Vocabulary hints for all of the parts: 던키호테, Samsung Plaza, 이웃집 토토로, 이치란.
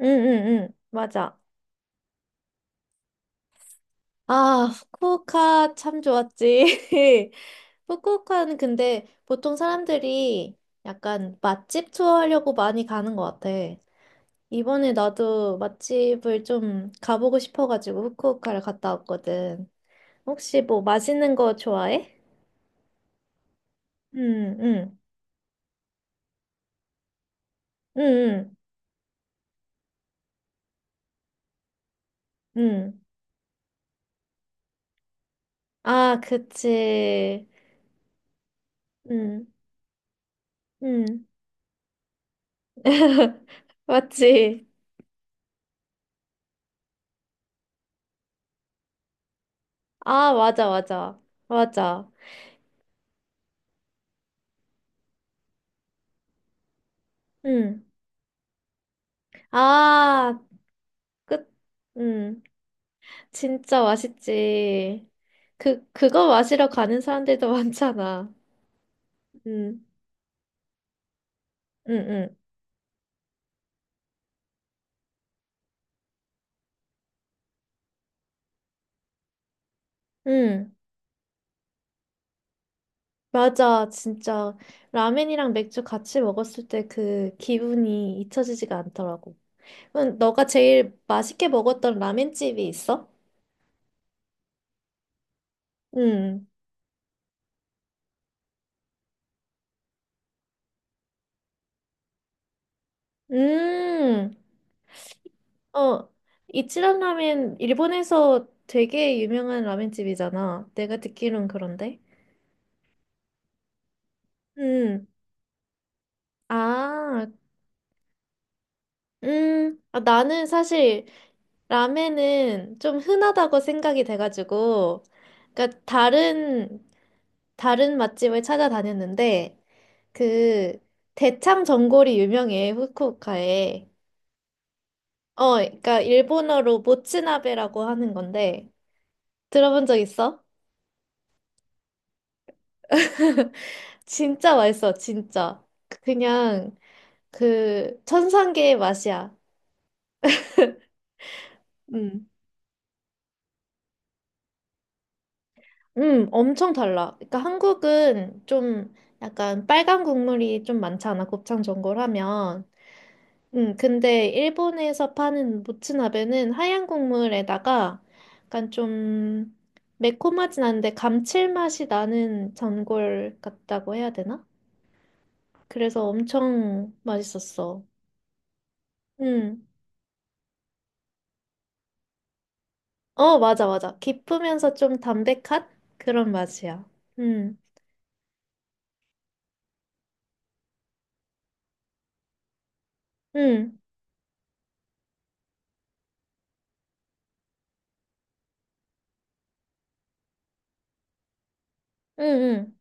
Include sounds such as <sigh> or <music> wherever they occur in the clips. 응응응 맞아. 아, 후쿠오카 참 좋았지. <laughs> 후쿠오카는 근데 보통 사람들이 약간 맛집 투어하려고 많이 가는 것 같아. 이번에 나도 맛집을 좀 가보고 싶어가지고 후쿠오카를 갔다 왔거든. 혹시 뭐 맛있는 거 좋아해? 응, 응, 응, 응, 응. 아, 그치. 응, 응. <laughs> 맞지? 아, 맞아, 맞아. 맞아. 응. 아, 끝. 음, 진짜 맛있지. 그, 그거 마시러 가는 사람들도 <laughs> 많잖아. 음, 음, 음, 음. 맞아, 진짜. 라면이랑 맥주 같이 먹었을 때 그 기분이 잊혀지지가 않더라고. 그럼 너가 제일 맛있게 먹었던 라면집이 있어? 음, 음, 어, 이치란 라면, 일본에서 되게 유명한 라면집이잖아. 내가 듣기론 그런데. 음. 아, 아, 나는 사실 라멘은 좀 흔하다고 생각이 돼가지고, 그러니까 다른 맛집을 찾아다녔는데 그 대창 전골이 유명해 후쿠오카에. 어, 그러니까 일본어로 모츠나베라고 하는 건데 들어본 적 있어? 진짜 맛있어, 진짜. 그냥 그 천상계의 맛이야. 음. 엄청 달라. 그러니까 한국은 좀 약간 빨간 국물이 좀 많잖아, 곱창 전골 하면. 근데 일본에서 파는 모츠나베는 하얀 국물에다가 약간 좀 매콤하진 않은데 감칠맛이 나는 전골 같다고 해야 되나? 그래서 엄청 맛있었어. 음, 어, 맞아, 맞아. 깊으면서 좀 담백한 그런 맛이야. 음, 음, 음, 음.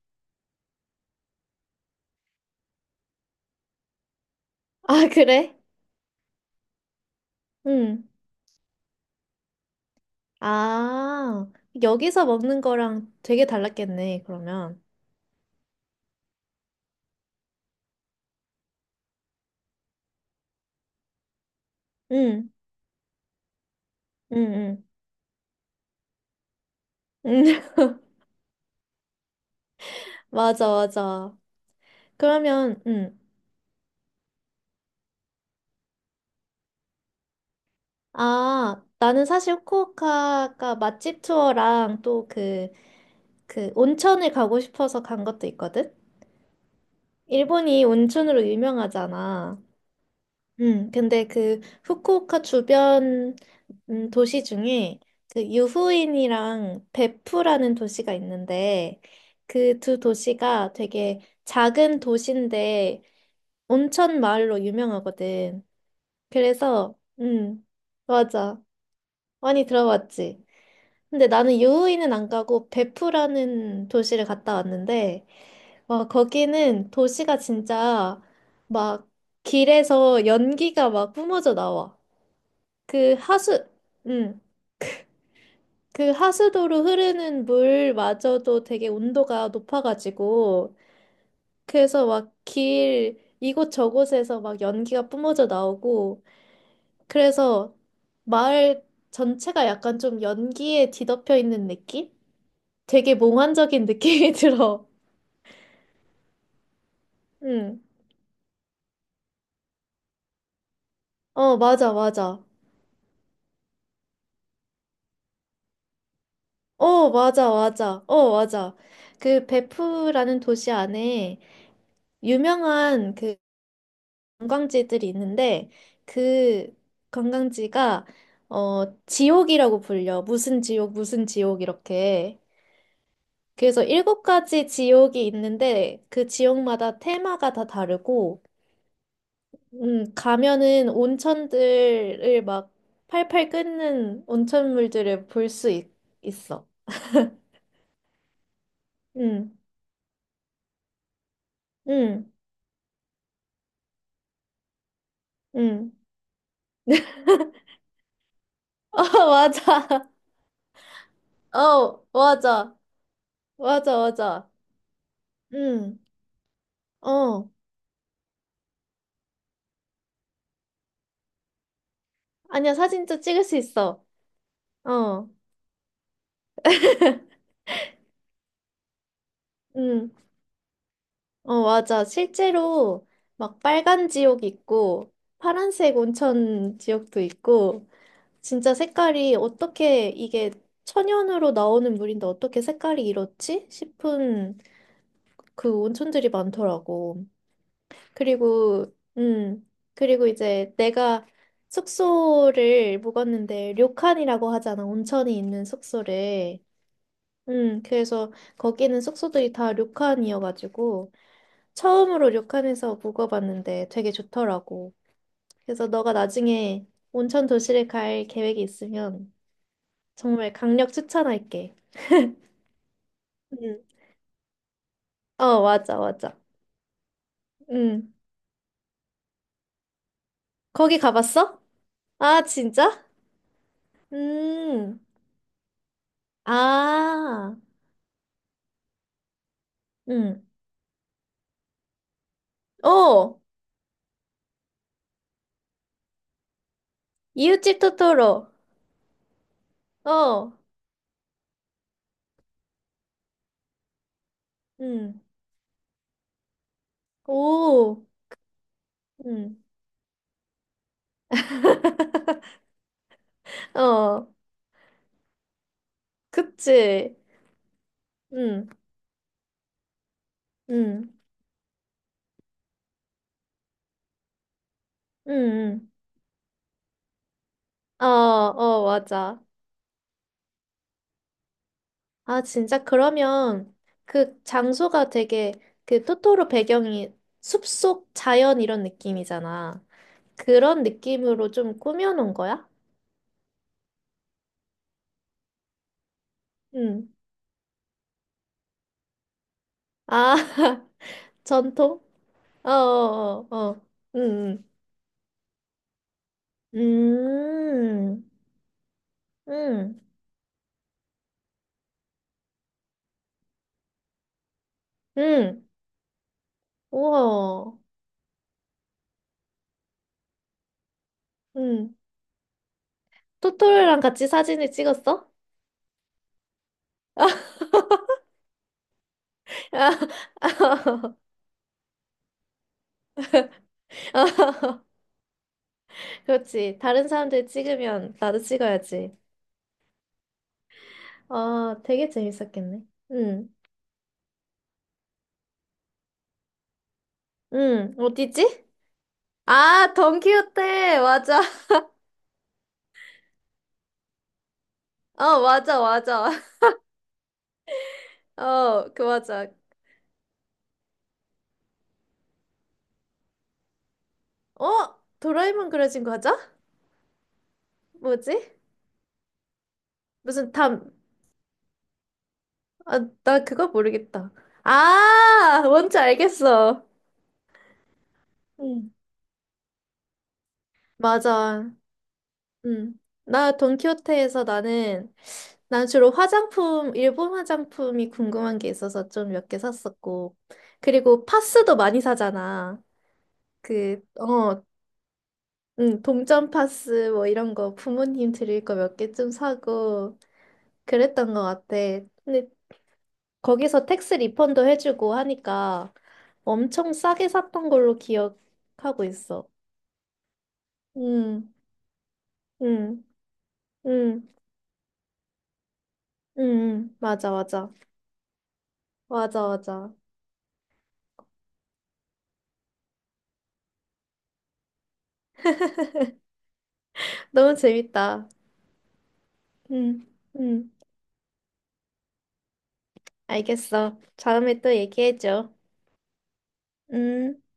아, 그래? 음. 아, 여기서 먹는 거랑 되게 달랐겠네, 그러면. 응, 응, 응. 응. <laughs> 맞아, 맞아. 그러면, 응. 아, 나는 사실 후쿠오카가 맛집 투어랑 또 그, 그 온천을 가고 싶어서 간 것도 있거든? 일본이 온천으로 유명하잖아. 근데 그 후쿠오카 주변 도시 중에 그 유후인이랑 베푸라는 도시가 있는데 그 두 도시가 되게 작은 도시인데 온천 마을로 유명하거든. 그래서 맞아. 많이 들어봤지. 근데 나는 유후인은 안 가고 베푸라는 도시를 갔다 왔는데 와, 거기는 도시가 진짜 막 길에서 연기가 막 뿜어져 나와. 그 하수, 음, 그 하수도로 흐르는 물마저도 되게 온도가 높아가지고, 그래서 막 길, 이곳저곳에서 막 연기가 뿜어져 나오고, 그래서 마을 전체가 약간 좀 연기에 뒤덮여 있는 느낌? 되게 몽환적인 느낌이 <laughs> 들어. 응. 어, 맞아, 맞아. 어, 맞아, 맞아. 어, 맞아. 그 베프라는 도시 안에 유명한 그 관광지들이 있는데 그 관광지가 어 지옥이라고 불려. 무슨 지옥, 무슨 지옥 이렇게. 그래서 일곱 가지 지옥이 있는데 그 지옥마다 테마가 다 다르고 가면은 온천들을 막 팔팔 끓는 온천물들을 볼 수 있어. 응 응 응. <laughs> 어, 맞아. 어, 맞아. 맞아, 맞아. 응 어. 아니야, 사진도 찍을 수 있어. 어, 음, 어, 맞아. 실제로 막 빨간 지옥 있고 파란색 온천 지옥도 있고 진짜 색깔이 어떻게 이게 천연으로 나오는 물인데 어떻게 색깔이 이렇지? 싶은 그 온천들이 많더라고. 그리고, 그리고 이제 내가 숙소를 묵었는데 료칸이라고 하잖아. 온천이 있는 숙소를. 그래서 거기는 숙소들이 다 료칸이어가지고 처음으로 료칸에서 묵어봤는데 되게 좋더라고. 그래서 너가 나중에 온천 도시를 갈 계획이 있으면 정말 강력 추천할게. 응. 어, 맞아, 맞아. 응. 거기 가봤어? 아, 진짜? 음. 아. 응. 어. 이웃집 토토로. 어. 응. 오. 응. <laughs> 어. 그치. 응. 응. 응. 응. 어, 어, 맞아. 아, 진짜 그러면 그 장소가 되게 그 토토로 배경이 숲속 자연 이런 느낌이잖아. 그런 느낌으로 좀 꾸며놓은 거야? 응. 아, <laughs> 전통? 어, 어, 어, 어. 응, 응. 응, 응. 우와. 응. 토토랑 같이 사진을 찍었어? <laughs> 아, <laughs> 그렇지. 다른 사람들 찍으면 나도 찍어야지. 아, 되게 재밌었겠네. 응. 응, 어디지? 아, 던키호테! 맞아. <laughs> 어, 맞아, 맞아. <laughs> 어, 그 맞아. 어? 도라에몽 그려진 과자? 뭐지? 무슨 담. 아, 나 그거 모르겠다. 아, 뭔지 알겠어. 응. 맞아. 응. 나 돈키호테에서 나는, 난 주로 화장품, 일본 화장품이 궁금한 게 있어서 좀 몇 개 샀었고. 그리고 파스도 많이 사잖아. 그, 어, 응, 동전 파스 뭐 이런 거 부모님 드릴 거 몇 개쯤 사고 그랬던 것 같아. 근데 거기서 택스 리펀도 해주고 하니까 엄청 싸게 샀던 걸로 기억하고 있어. 응, 응, 응, 응, 응, 맞아, 맞아. 맞아, 맞아. 너무 재밌다. 응, 응, 알겠어. 다음에 또 얘기해줘. 응.